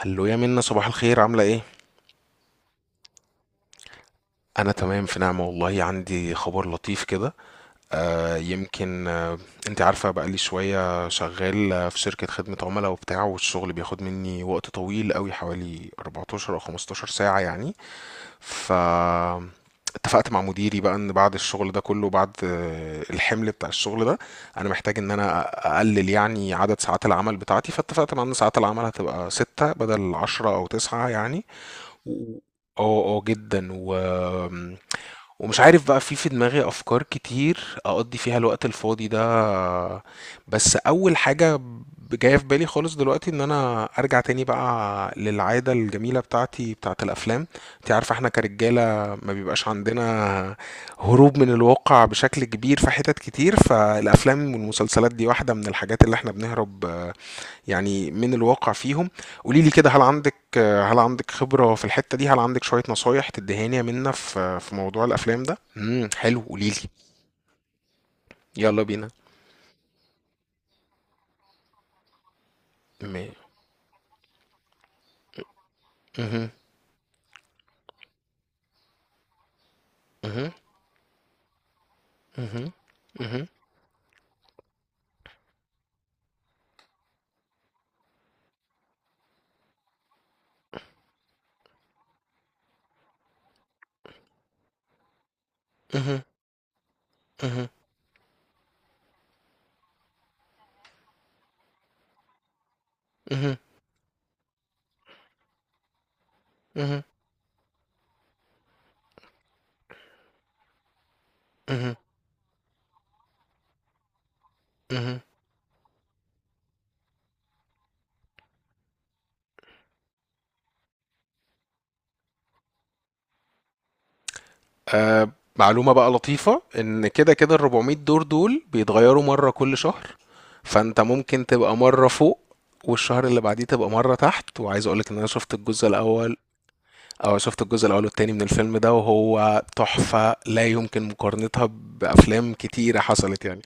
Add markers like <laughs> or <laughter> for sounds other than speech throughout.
هلو يا منى، صباح الخير، عاملة ايه؟ أنا تمام في نعمة والله. عندي خبر لطيف كده. آه يمكن آه انت عارفة بقالي شوية شغال في شركة خدمة عملاء وبتاع، والشغل بياخد مني وقت طويل قوي، حوالي 14 أو 15 ساعة يعني. ف اتفقت مع مديري بقى ان بعد الشغل ده كله، بعد الحمل بتاع الشغل ده انا محتاج ان انا اقلل يعني عدد ساعات العمل بتاعتي، فاتفقت مع ان ساعات العمل هتبقى ستة بدل عشرة او تسعة يعني. و- اه جدا ومش عارف بقى في دماغي افكار كتير اقضي فيها الوقت الفاضي ده. بس اول حاجة جاية في بالي خالص دلوقتي ان انا ارجع تاني بقى للعادة الجميلة بتاعتي بتاعت الافلام. انت عارفة احنا كرجالة ما بيبقاش عندنا هروب من الواقع بشكل كبير في حتت كتير، فالافلام والمسلسلات دي واحدة من الحاجات اللي احنا بنهرب يعني من الواقع فيهم. قولي لي كده، هل عندك هل عندك خبرة في الحتة دي؟ هل عندك شوية نصايح تدهاني منا في موضوع الأفلام ده؟ حلو، قولي لي. يلا بينا. م- مهم. مهم. مهم. مهم. مهم. مهم. مهم. مهم. مهم. مهم. آه، معلومة بقى لطيفة، ان كده كده ال 400 دور دول بيتغيروا مرة كل شهر. فانت ممكن تبقى مرة فوق والشهر اللي بعديه تبقى مرة تحت. وعايز اقولك ان انا شفت الجزء الاول. اه، شفت الجزء الاول والتاني من الفيلم ده، وهو تحفة لا يمكن مقارنتها بافلام كتيرة حصلت يعني.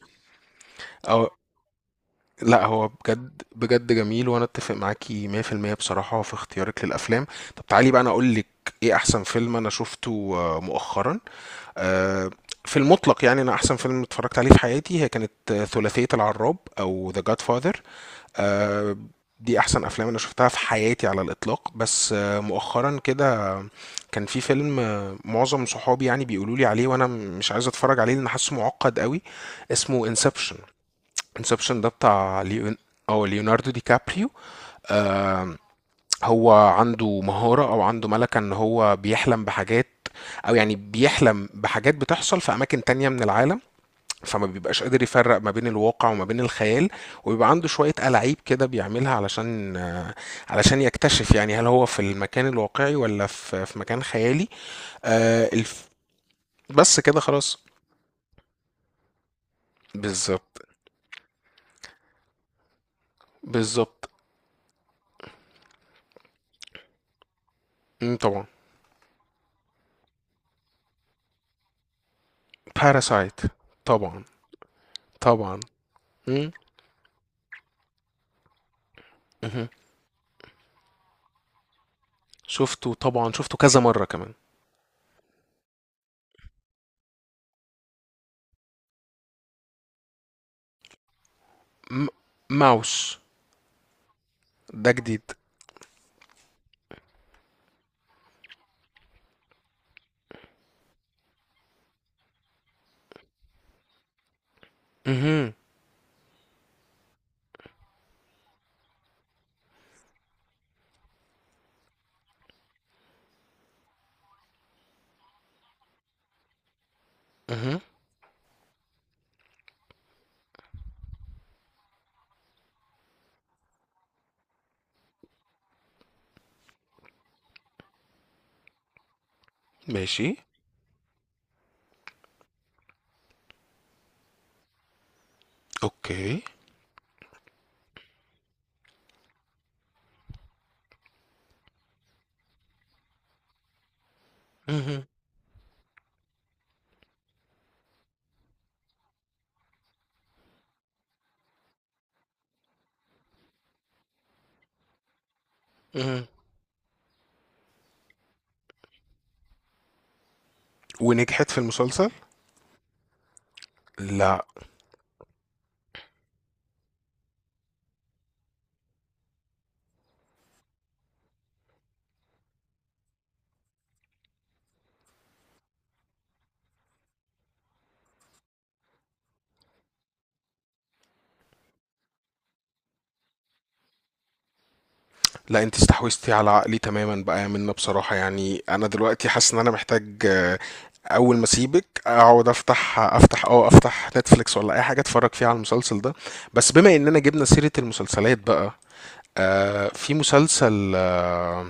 او لا، هو بجد بجد جميل، وانا اتفق معاكي 100% بصراحة في اختيارك للافلام. طب تعالي بقى انا اقول لك ايه احسن فيلم انا شفته مؤخرا. آه، في المطلق يعني، انا احسن فيلم اتفرجت عليه في حياتي هي كانت ثلاثية العراب او The Godfather. آه، دي احسن افلام انا شفتها في حياتي على الاطلاق. بس مؤخرا كده كان في فيلم، معظم صحابي يعني بيقولوا لي عليه وانا مش عايز اتفرج عليه لان حاسه معقد قوي. اسمه انسبشن. انسبشن ده بتاع ليون او ليوناردو دي كابريو. آم، هو عنده مهارة او عنده ملكة ان هو بيحلم بحاجات او يعني بيحلم بحاجات بتحصل في اماكن تانية من العالم، فما بيبقاش قادر يفرق ما بين الواقع وما بين الخيال. وبيبقى عنده شوية ألاعيب كده بيعملها علشان علشان يكتشف يعني هل هو في المكان الواقعي ولا في مكان خيالي. آه، الف- بس كده خلاص. بالظبط، بالظبط. طبعا. باراسايت. طبعا. طبعا. مم، مهم. شفته طبعا، شفته كذا مرة كمان. م- ماوس ده جديد؟ مهم. مهم. ماشي. اوكي. مهم. مهم. ونجحت في المسلسل. لا. لا انت استحوذتي على عقلي تماما بقى يا منى، بصراحة يعني. انا دلوقتي حاسس ان انا محتاج اول ما اسيبك اقعد افتح نتفليكس ولا اي حاجه اتفرج فيها على المسلسل ده. بس بما اننا جبنا سيره المسلسلات بقى، في مسلسل،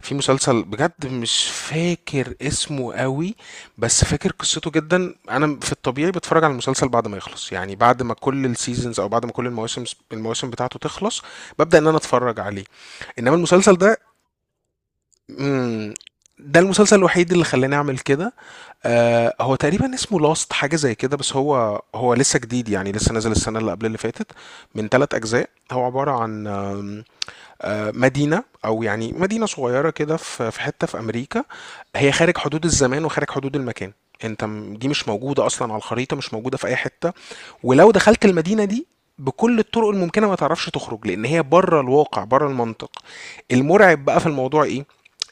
في مسلسل بجد مش فاكر اسمه قوي. بس فاكر قصته جدا. انا في الطبيعي بتفرج على المسلسل بعد ما يخلص، يعني بعد ما كل السيزونز او بعد ما كل المواسم، المواسم بتاعته تخلص ببدأ ان انا اتفرج عليه. انما المسلسل ده، مم، ده المسلسل الوحيد اللي خلاني اعمل كده. آه، هو تقريبا اسمه لاست حاجة زي كده. بس هو هو لسه جديد يعني، لسه نازل السنة اللي قبل اللي فاتت. من ثلاث أجزاء. هو عبارة عن آم، آه، مدينة، أو يعني مدينة صغيرة كده في في حتة في أمريكا، هي خارج حدود الزمان وخارج حدود المكان. أنت دي مش موجودة أصلا على الخريطة، مش موجودة في أي حتة. ولو دخلت المدينة دي بكل الطرق الممكنة ما تعرفش تخرج، لأن هي بره الواقع، بره المنطق. المرعب بقى في الموضوع إيه؟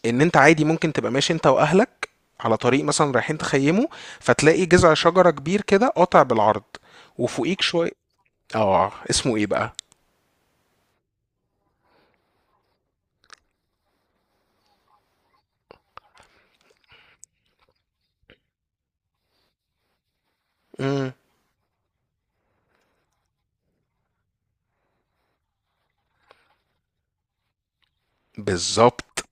إن أنت عادي ممكن تبقى ماشي أنت وأهلك على طريق مثلا رايحين تخيموا، فتلاقي جذع شجرة كبير كده قاطع بالعرض وفوقيك شوية. اه، اسمه ايه بقى؟ مم. بالظبط.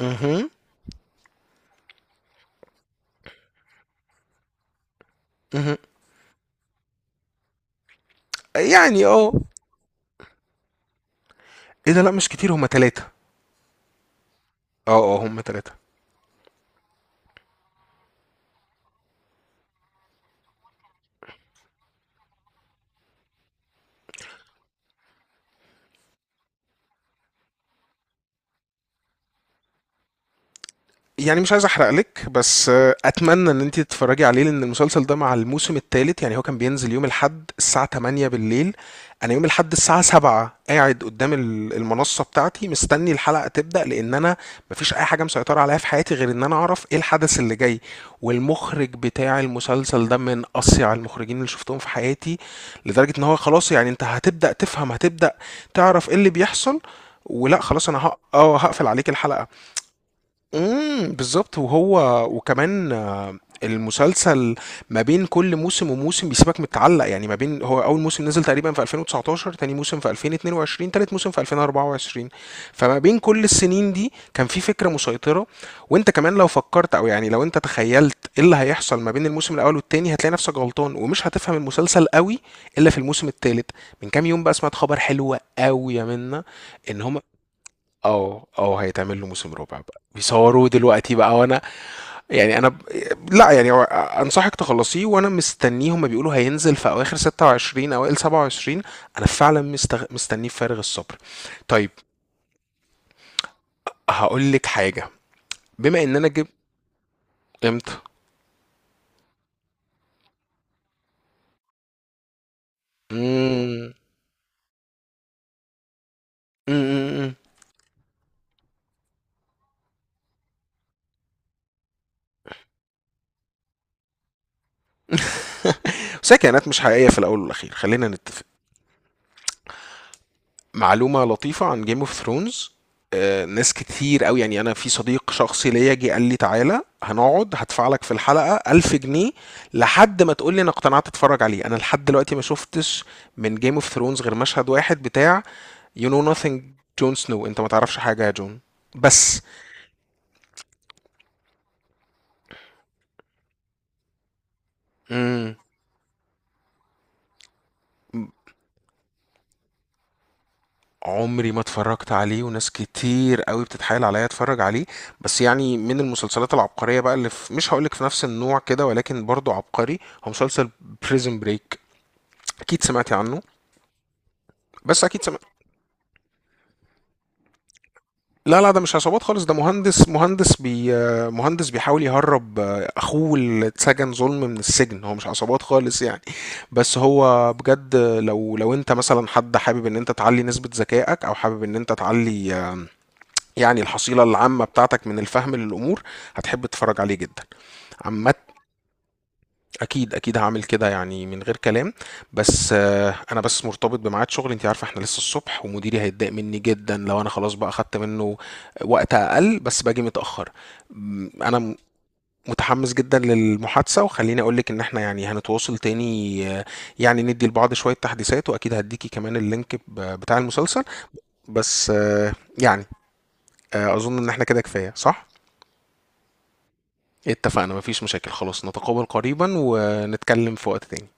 مهم. مهم. يعني اه. ايه ده؟ لا، مش كتير، هما تلاتة. اه اه، هما تلاتة. يعني مش عايز احرق لك، بس اتمنى ان انت تتفرجي عليه، لان المسلسل ده مع الموسم الثالث يعني هو كان بينزل يوم الاحد الساعه 8 بالليل. انا يوم الاحد الساعه 7 قاعد قدام المنصه بتاعتي مستني الحلقه تبدا، لان انا مفيش اي حاجه مسيطره عليها في حياتي غير ان انا اعرف ايه الحدث اللي جاي. والمخرج بتاع المسلسل ده من اصيع المخرجين اللي شفتهم في حياتي. لدرجه ان هو خلاص يعني، انت هتبدا تفهم، هتبدا تعرف ايه اللي بيحصل، ولا خلاص انا هق... اه هقفل عليك الحلقه. امم، بالظبط. وهو وكمان المسلسل ما بين كل موسم وموسم بيسيبك متعلق. يعني ما بين، هو اول موسم نزل تقريبا في 2019، تاني موسم في 2022، تالت موسم في 2024، فما بين كل السنين دي كان في فكرة مسيطرة. وانت كمان لو فكرت او يعني لو انت تخيلت ايه اللي هيحصل ما بين الموسم الاول والتاني هتلاقي نفسك غلطان ومش هتفهم المسلسل قوي الا في الموسم التالت. من كام يوم بقى سمعت خبر حلو قوي يا منا، ان هم، اه اه، هيتعمل له موسم رابع بقى، بيصوروه دلوقتي بقى. وانا يعني انا ب... لا يعني، هو انصحك تخلصيه وانا مستنيه. هما بيقولوا هينزل في اواخر 26 اوائل 27. انا فعلا مستنيه بفارغ الصبر. طيب، هقول لك حاجه. بما ان انا جبت، امتى؟ امم، امم. <laughs> بس هي كائنات مش حقيقيه في الاول والاخير، خلينا نتفق. معلومة لطيفة عن جيم اوف ثرونز: ناس كتير قوي يعني، انا في صديق شخصي ليا جه قال لي تعالى هنقعد هدفع لك في الحلقة 1000 جنيه لحد ما تقول لي انا اقتنعت اتفرج عليه. انا لحد دلوقتي ما شفتش من جيم اوف ثرونز غير مشهد واحد بتاع يو نو nothing. جون سنو، انت ما تعرفش حاجة يا جون. بس. مم. عمري ما اتفرجت عليه وناس كتير قوي بتتحايل عليا اتفرج عليه. بس يعني، من المسلسلات العبقرية بقى اللي، في، مش هقولك في نفس النوع كده ولكن برضو عبقري، هو مسلسل بريزن بريك. اكيد سمعتي عنه؟ بس اكيد سمعت. لا لا، ده مش عصابات خالص، ده مهندس، مهندس بي آه، مهندس بيحاول يهرب اخوه اللي اتسجن ظلم من السجن. هو مش عصابات خالص يعني. بس هو بجد، لو لو انت مثلا حد حابب ان انت تعلي نسبة ذكائك او حابب ان انت تعلي يعني الحصيلة العامة بتاعتك من الفهم للأمور، هتحب تتفرج عليه جدا. عامة، أكيد أكيد هعمل كده يعني، من غير كلام. بس أنا بس مرتبط بميعاد شغل. أنت عارفة إحنا لسه الصبح، ومديري هيتضايق مني جدا لو أنا خلاص بقى أخدت منه وقت أقل بس باجي متأخر. م، أنا م- متحمس جدا للمحادثة، وخليني أقولك إن إحنا يعني هنتواصل تاني، يعني ندي لبعض شوية تحديثات، وأكيد هديكي كمان اللينك بتاع المسلسل. بس يعني أظن إن إحنا كده كفاية، صح؟ اتفقنا، مفيش مشاكل خلاص، نتقابل قريبا ونتكلم في وقت تاني.